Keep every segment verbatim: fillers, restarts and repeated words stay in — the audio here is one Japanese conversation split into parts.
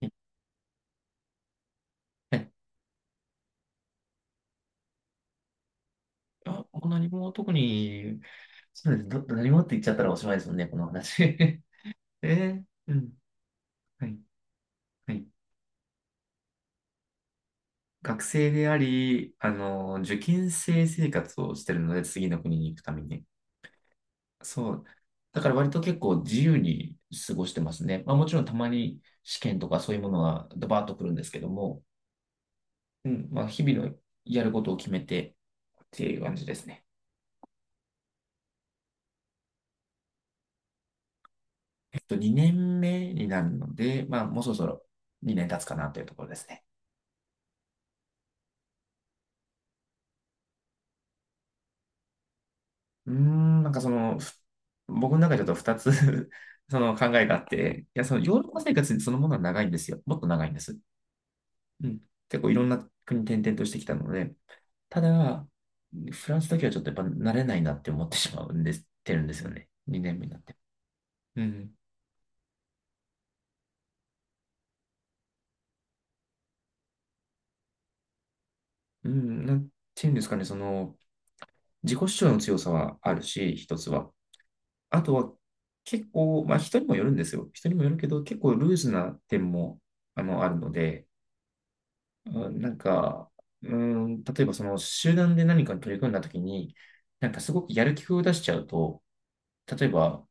はい。あ、もう何も特に、そうです。ど、何もって言っちゃったらおしまいですもんね、この話。えうん。はい。はい。学生であり、あの、受験生生活をしてるので、次の国に行くために。そう。だから割と結構自由に過ごしてますね。まあもちろんたまに試験とかそういうものがドバーッと来るんですけども、うん。まあ日々のやることを決めてっていう感じですね。えっと、にねんめになるので、まあ、もうそろそろにねん経つかなというところですね。うーん、なんかその、ふ僕の中でちょっとふたつ その考えがあって、いや、そのヨーロッパ生活そのものは長いんですよ。もっと長いんです。うん。結構いろんな国転々としてきたので、ただ、フランスだけはちょっとやっぱ慣れないなって思ってしまうんです、てるんですよね。にねんめになって。うん。うん、なんていうんですかね、その、自己主張の強さはあるし、一つは。あとは結構、まあ人にもよるんですよ。人にもよるけど、結構ルーズな点も、あの、あるので、うんなんか、うん、例えばその集団で何かに取り組んだときに、なんかすごくやる気を出しちゃうと、例えば、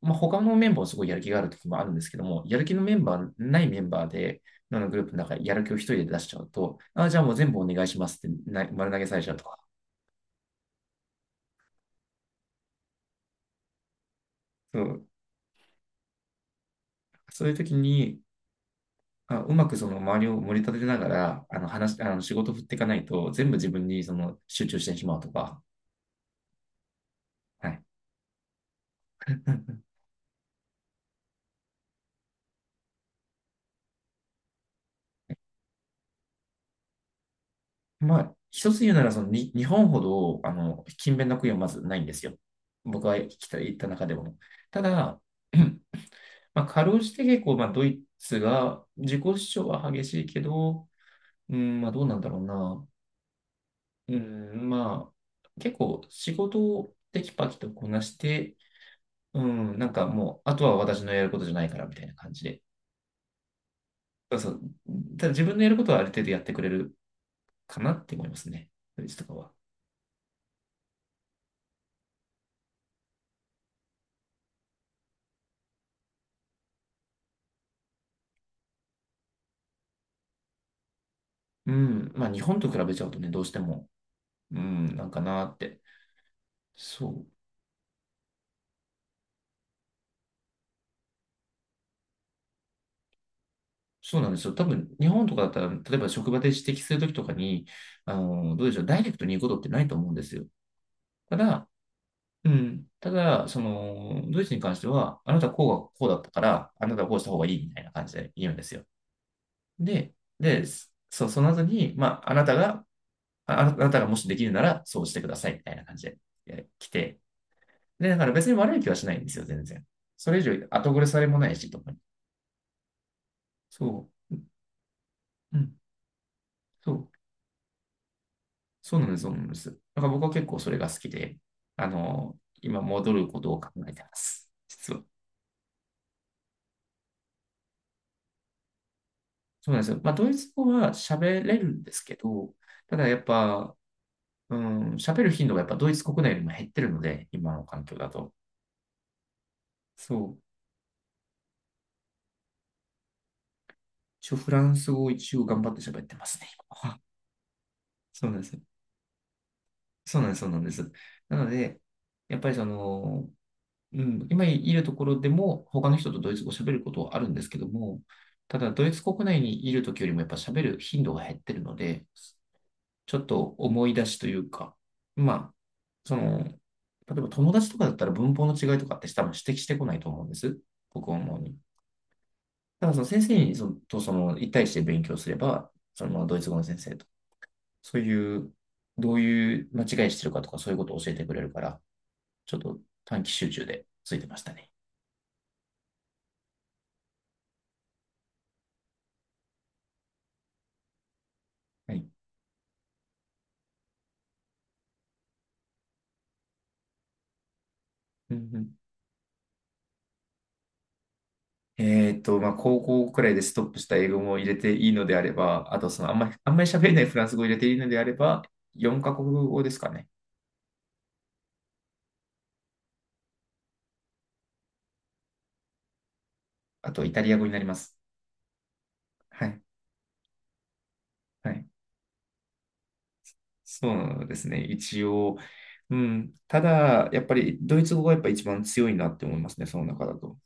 まあ、他のメンバーはすごいやる気があるときもあるんですけども、やる気のメンバー、ないメンバーで、あのグループの中でやる気を一人で出しちゃうと、あ、じゃあもう全部お願いしますってな丸投げされちゃうとか、そう、そういうときに、あ、うまくその周りを盛り立てながら、あの話、あの仕事振っていかないと、全部自分にその集中してしまうとか。はい。まあ、一つ言うなら、そのに、日本ほど、あの、勤勉な国はまずないんですよ。僕が来た、行った中でも。ただ、まあ、かろうじて結構、まあ、ドイツが、自己主張は激しいけど、うん、まあ、どうなんだろうな。うん、まあ、結構、仕事をテキパキとこなして、うん、なんかもう、あとは私のやることじゃないから、みたいな感じで。そうそう。ただ自分のやることはある程度やってくれるかなって思いますね。ドイツとかは。うん。まあ日本と比べちゃうとね、どうしても、うん、なんかなって。そう。そうなんですよ。多分、日本とかだったら、例えば職場で指摘するときとかに、あの、どうでしょう、ダイレクトに言うことってないと思うんですよ。ただ、うん。ただ、その、ドイツに関しては、あなたはこうがこうだったから、あなたはこうした方がいいみたいな感じで言うんですよ。で、で、そそう、その後に、まあ、あなたがあなたがもしできるならそうしてくださいみたいな感じで来て、で、だから別に悪い気はしないんですよ、全然。それ以上後暮れされもないし、とかに。そう、うん、そう、そうなんです、そうなんです。だから僕は結構それが好きで、あの、今戻ることを考えてます、実は。そうなんですよ。まあ、ドイツ語は喋れるんですけど、ただやっぱ、うん、喋る頻度がやっぱドイツ国内よりも減ってるので、今の環境だと。そう。一応フランス語を一応頑張って喋ってますね、今は。そうなんですよ。そうなんです、そうなんです。なので、やっぱりその、うん、今いるところでも、他の人とドイツ語を喋ることはあるんですけども、ただ、ドイツ国内にいるときよりもやっぱ喋る頻度が減ってるので、ちょっと思い出しというか、まあ、その、例えば友達とかだったら文法の違いとかって多分指摘してこないと思うんです。僕は思うに。ただ、その先生にそのとその一対一で勉強すれば、そのままドイツ語の先生と、そういう、どういう間違いしてるかとか、そういうことを教えてくれるから、ちょっと短期集中でついてましたね。はい。うんうんえっと、まあ、高校くらいでストップした英語も入れていいのであれば、あと、その、あんまり、あんまり喋れないフランス語を入れていいのであれば、よんカ国語ですかね。あと、イタリア語になります。はい。はい。そうですね。一応、うん。ただ、やっぱり、ドイツ語がやっぱ一番強いなって思いますね、その中だと。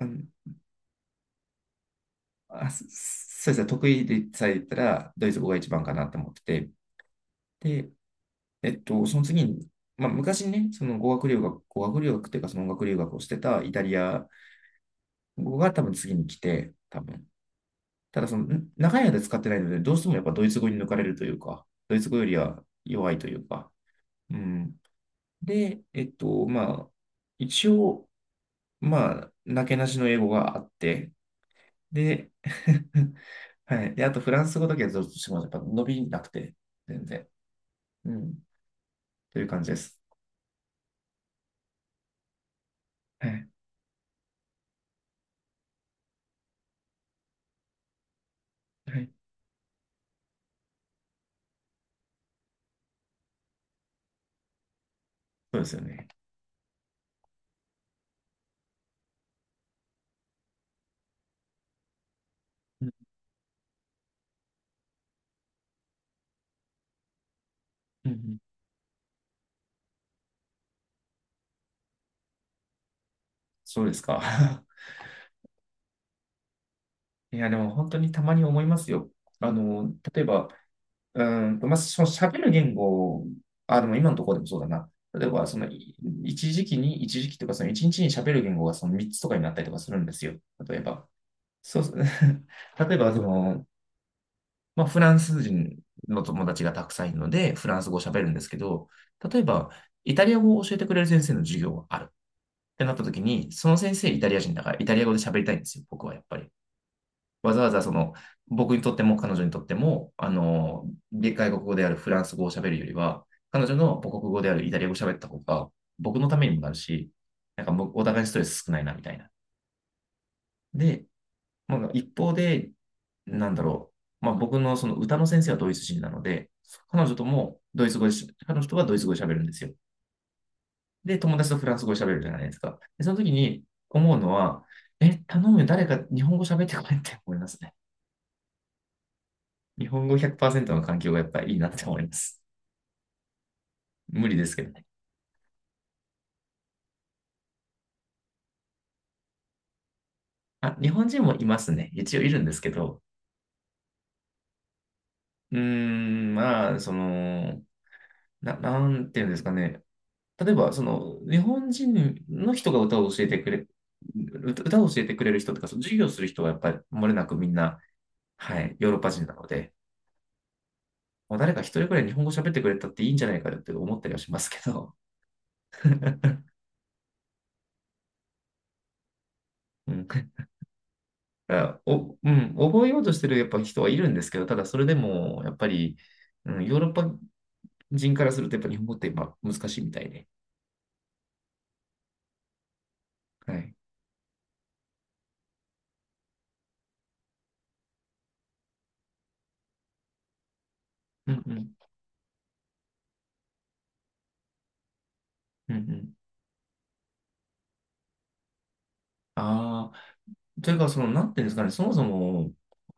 うん。あ、そそうですね。得意でさえ言ったら、ドイツ語が一番かなって思ってて。で、えっと、その次に、まあ、昔ね、その語学留学、語学留学っていうか、その音楽留学をしてたイタリア語が多分次に来て、多分。ただ、その、ん長い間使ってないので、どうしてもやっぱドイツ語に抜かれるというか、ドイツ語よりは弱いというか、うん。で、えっと、まあ、一応、まあ、なけなしの英語があって、で、はい。で、あとフランス語だけはどうしてもやっぱ伸びなくて、全然。うん。という感じです。はい。はい。そうですよね。うんうんうんそうですか。いや、でも本当にたまに思いますよ。あの、例えば、うーんと、まあ、その喋る言語、あ、でも今のところでもそうだな。例えば、その、い一時期に、一時期とか、そのいちにちに喋る言語がそのみっつとかになったりとかするんですよ。例えば。そうす、例えば、その、まあ、フランス人の友達がたくさんいるので、フランス語を喋るんですけど、例えば、イタリア語を教えてくれる先生の授業があるってなった時に、その先生イタリア人だから、イタリア語で喋りたいんですよ、僕はやっぱり。わざわざその、僕にとっても彼女にとっても、あの、外国語であるフランス語を喋るよりは、彼女の母国語であるイタリア語を喋った方が、僕のためにもなるし、なんかお互いストレス少ないな、みたいな。で、まあ、一方で、なんだろう、まあ、僕のその歌の先生はドイツ人なので、彼女ともドイツ語で彼女とはドイツ語で喋るんですよ。で、友達とフランス語で喋るじゃないですか。で、その時に思うのは、え、頼むよ、誰か日本語喋ってこいって思いますね。日本語ひゃくパーセントの環境がやっぱりいいなって思います。無理ですけどね。あ、日本人もいますね。一応いるんですけど、うーん、まあ、その、な、なんていうんですかね。例えば、その、日本人の人が歌を教えてくれ、歌歌を教えてくれる人とか、その授業する人はやっぱり漏れなくみんな、はい、ヨーロッパ人なので、まあ誰か一人くらい日本語喋ってくれたっていいんじゃないかって思ったりはしますけど。うんあお、うん、覚えようとしてるやっぱ人はいるんですけど、ただそれでも、やっぱり、うん、ヨーロッパ人からすると、やっぱ日本語ってやっぱ難しいみたいで。はい。うんうん。うんうん。ああ、というか、その、なんていうんですかね、そもそも、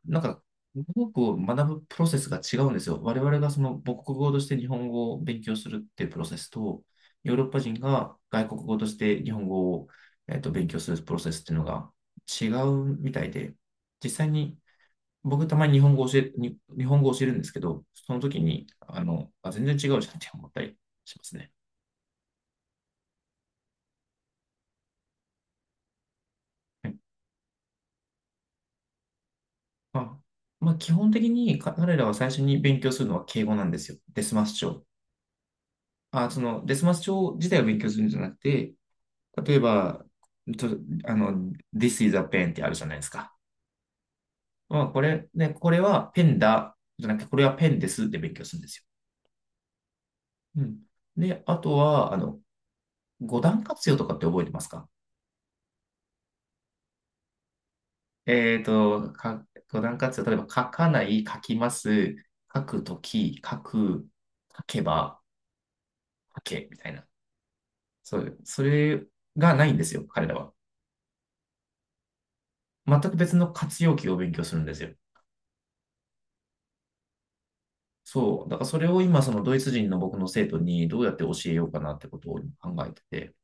なんか、母国を学ぶプロセスが違うんですよ。我々がその母国語として日本語を勉強するっていうプロセスと、ヨーロッパ人が外国語として日本語を、えっと、勉強するプロセスっていうのが違うみたいで、実際に僕たまに日本語教え、に日本語教えるんですけど、その時に、あの、あ、全然違うじゃんって思ったりしますね。はい。まあ、まあ、基本的に彼らは最初に勉強するのは敬語なんですよ。デスマス帳。あ、その、デスマス帳自体を勉強するんじゃなくて、例えば、と、あの、This is a pen ってあるじゃないですか。まあ、これ、ね、これはペンだ、じゃなくて、これはペンですって勉強するんですよ。うん。で、あとは、あの、五段活用とかって覚えてますか？えっと、か、五段活用、例えば書かない、書きます、書くとき、書く、書けば、書け、みたいな。そういう、それがないんですよ、彼らは。全く別の活用形を勉強するんですよ。そう。だからそれを今、そのドイツ人の僕の生徒にどうやって教えようかなってことを考えてて。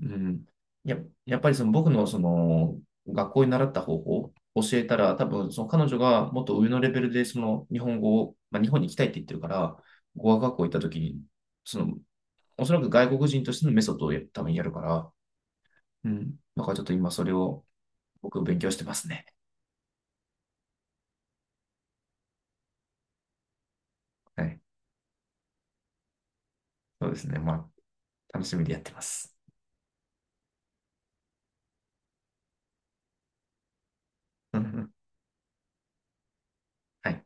うん。や、やっぱりその僕のその学校に習った方法を教えたら、多分その彼女がもっと上のレベルでその日本語を、まあ、日本に行きたいって言ってるから、語学学校行った時に、その、おそらく外国人としてのメソッドをや多分やるから、うん。だからちょっと今それを僕勉強してますね。はい。そうですね。まあ、楽しみでやってます。うんうんはい。